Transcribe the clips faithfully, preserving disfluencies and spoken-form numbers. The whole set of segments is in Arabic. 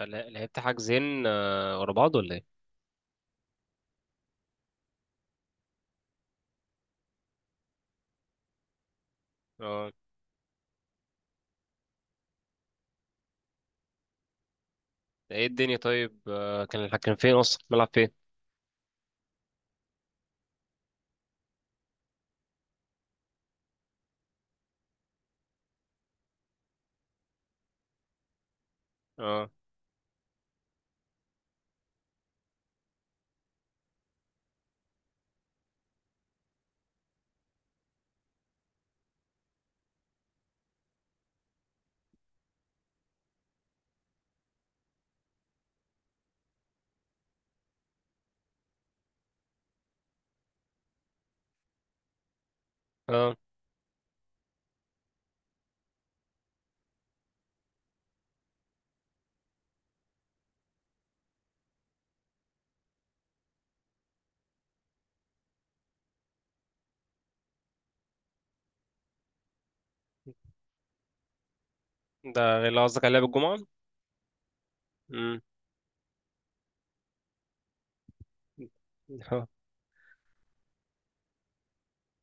لا- لعبت حاجزين، آه، ورا بعض ولا ايه؟ اه، ايه الدنيا؟ طيب، آه، كان الح- كان فين اصلا؟ ملعب فين؟ اه، اه، ده غير اللي قصدك على لعب الجمعة؟ امم. آه.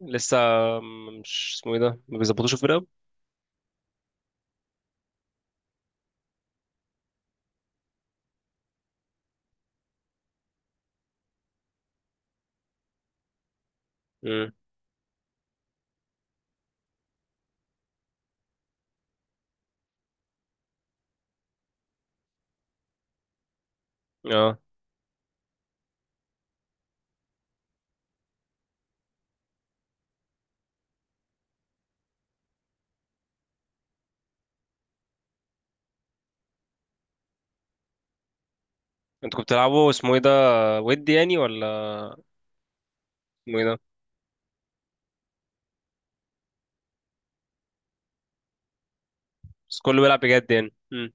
لسه. م- مش اسمه ايه ده؟ ما بيظبطوش الفرقة؟ امم. اه، انتوا كنتوا بتلعبوا اسمه ايه ده؟ ودي يعني ولا اسمه ايه ده؟ بس كله بيلعب بجد يعني. امم.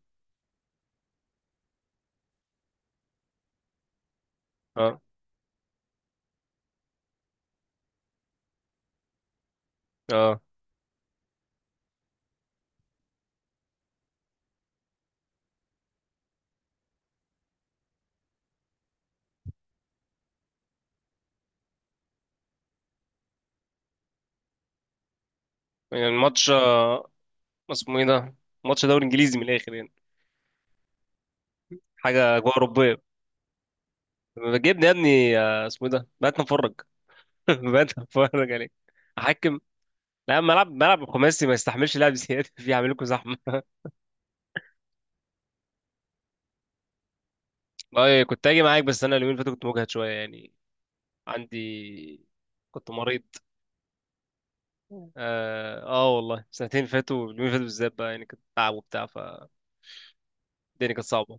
اه، اه، يعني الماتش، آه، اسمه ايه ده؟ ماتش دوري انجليزي من الاخر يعني. حاجة أجواء أوروبية. بجيبني يا ابني، آه، اسمه ايه ده؟ بقيت نفرج. بدأ اتفرج عليه. احكم. لا، ملعب ملعب خماسي ما يستحملش لعب زياده. فيه هعمل لكم زحمه. اه، كنت اجي معاك، بس انا اليومين اللي فاتوا كنت مجهد شويه يعني. عندي. كنت مريض. اه، آه والله سنتين فاتوا، اليومين اللي فاتوا بالذات بقى يعني، كنت تعب وبتاع، فالدنيا كانت صعبه.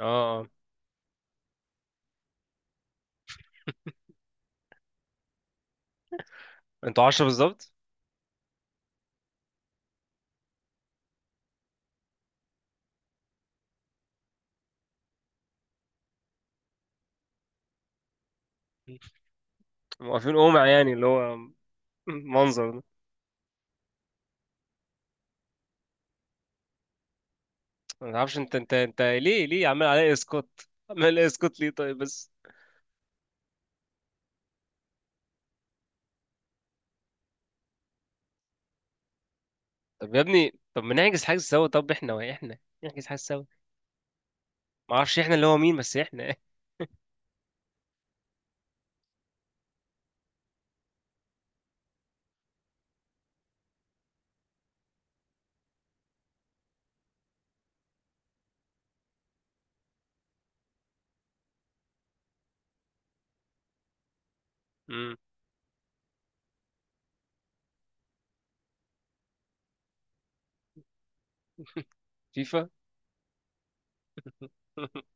اه. آه. انتوا عشرة بالظبط. واقفين قمع يعني اللي هو، منظر ده. ما تعرفش انت، انت انت ليه ليه عمال عليا اسقاط؟ عمال عليا اسقاط ليه؟ طيب بس. طب يا ابني، طب ما نحجز حاجه سوا، طب احنا واحنا نحجز حاجه سوا. ما اعرفش احنا اللي هو مين، بس احنا. مم. فيفا.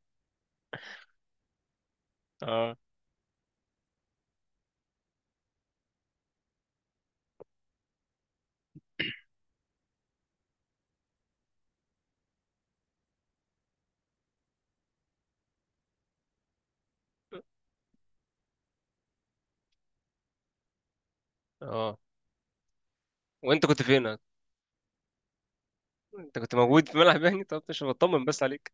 اه، اه، وانت كنت فين؟ انت كنت موجود في ملعب يعني؟ طب مش بطمن بس عليك؟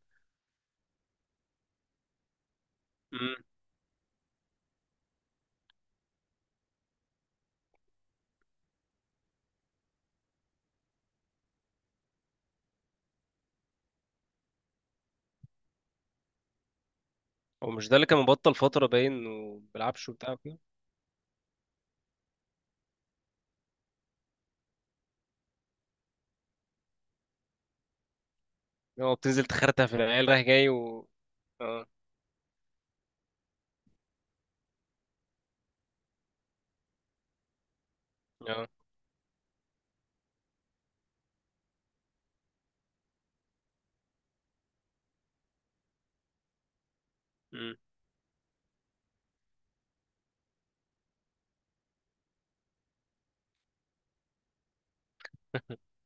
امم. هو مش ده اللي كان مبطل فتره باين وما بيلعبش وبتاع كده؟ هو بتنزل تخرتها في العيال رايح جاي و... اه، اه، مم.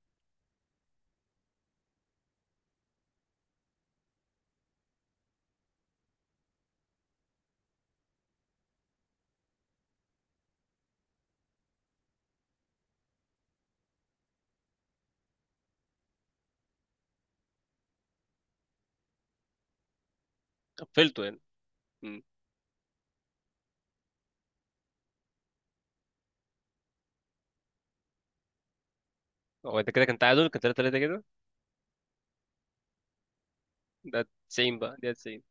قفلته يعني. مم. هو ده كده كان تعادل، كان تلاتة تلاتة كده. ده تسعين بقى، ده تسعين.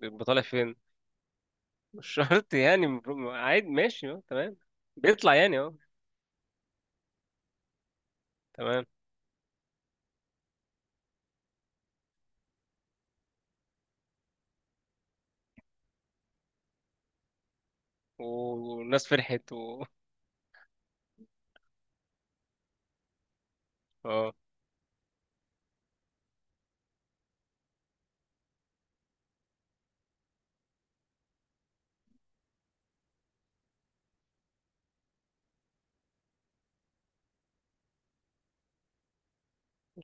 بيبقى طالع فين؟ مش شرط يعني. المفروض- عادي، ماشي، اه، تمام. بيطلع يعني، اه، تمام. والناس فرحت. اه،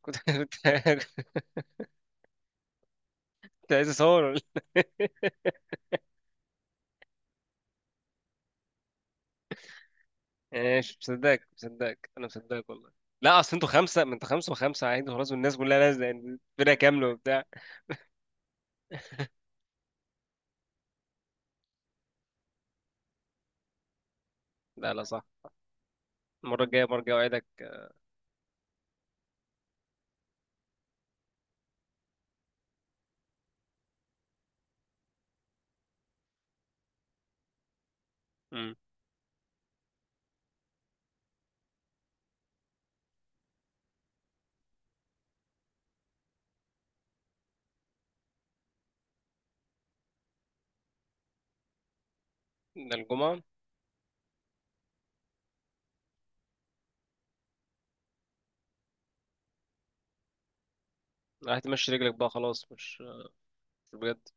كنت، كنت كنت عايز اصور ولا إيه؟ يعني مش مصدقك، مصدقك، انا مصدقك والله. لا، اصل انتوا خمسه، ما انتوا خمسه وخمسه عادي خلاص، والناس كلها نازله يعني، فرقه كامله وبتاع. لا، لا، صح. المره الجايه برجع، اوعدك. امم. ده الجمعه؟ راح تمشي رجلك بقى، خلاص مش... مش بجد.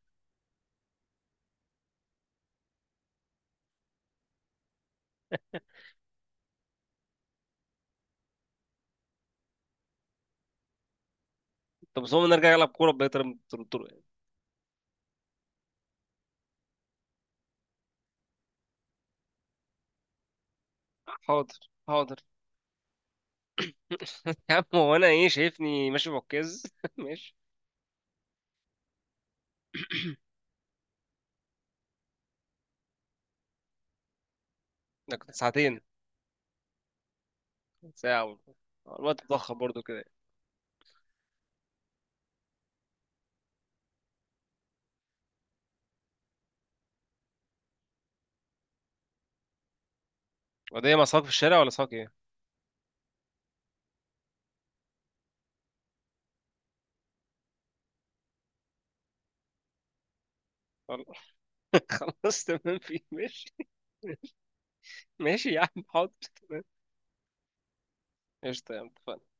طب بس هو نرجع العب كوره بقيت طرق يعني. حاضر. حاضر. يا عم، هو انا ايه؟ شايفني ماشي بعكاز؟ ماشي. ده كنت ساعتين؟ ساعه. الوقت اتضخم برضو كده. وده ايه؟ مع صحابك في الشارع ولا صحابك ايه؟ خلاص، تمام، في، ماشي. ماشي يا عم، حاضر، تمام. قشطة يا عم، اتفقنا.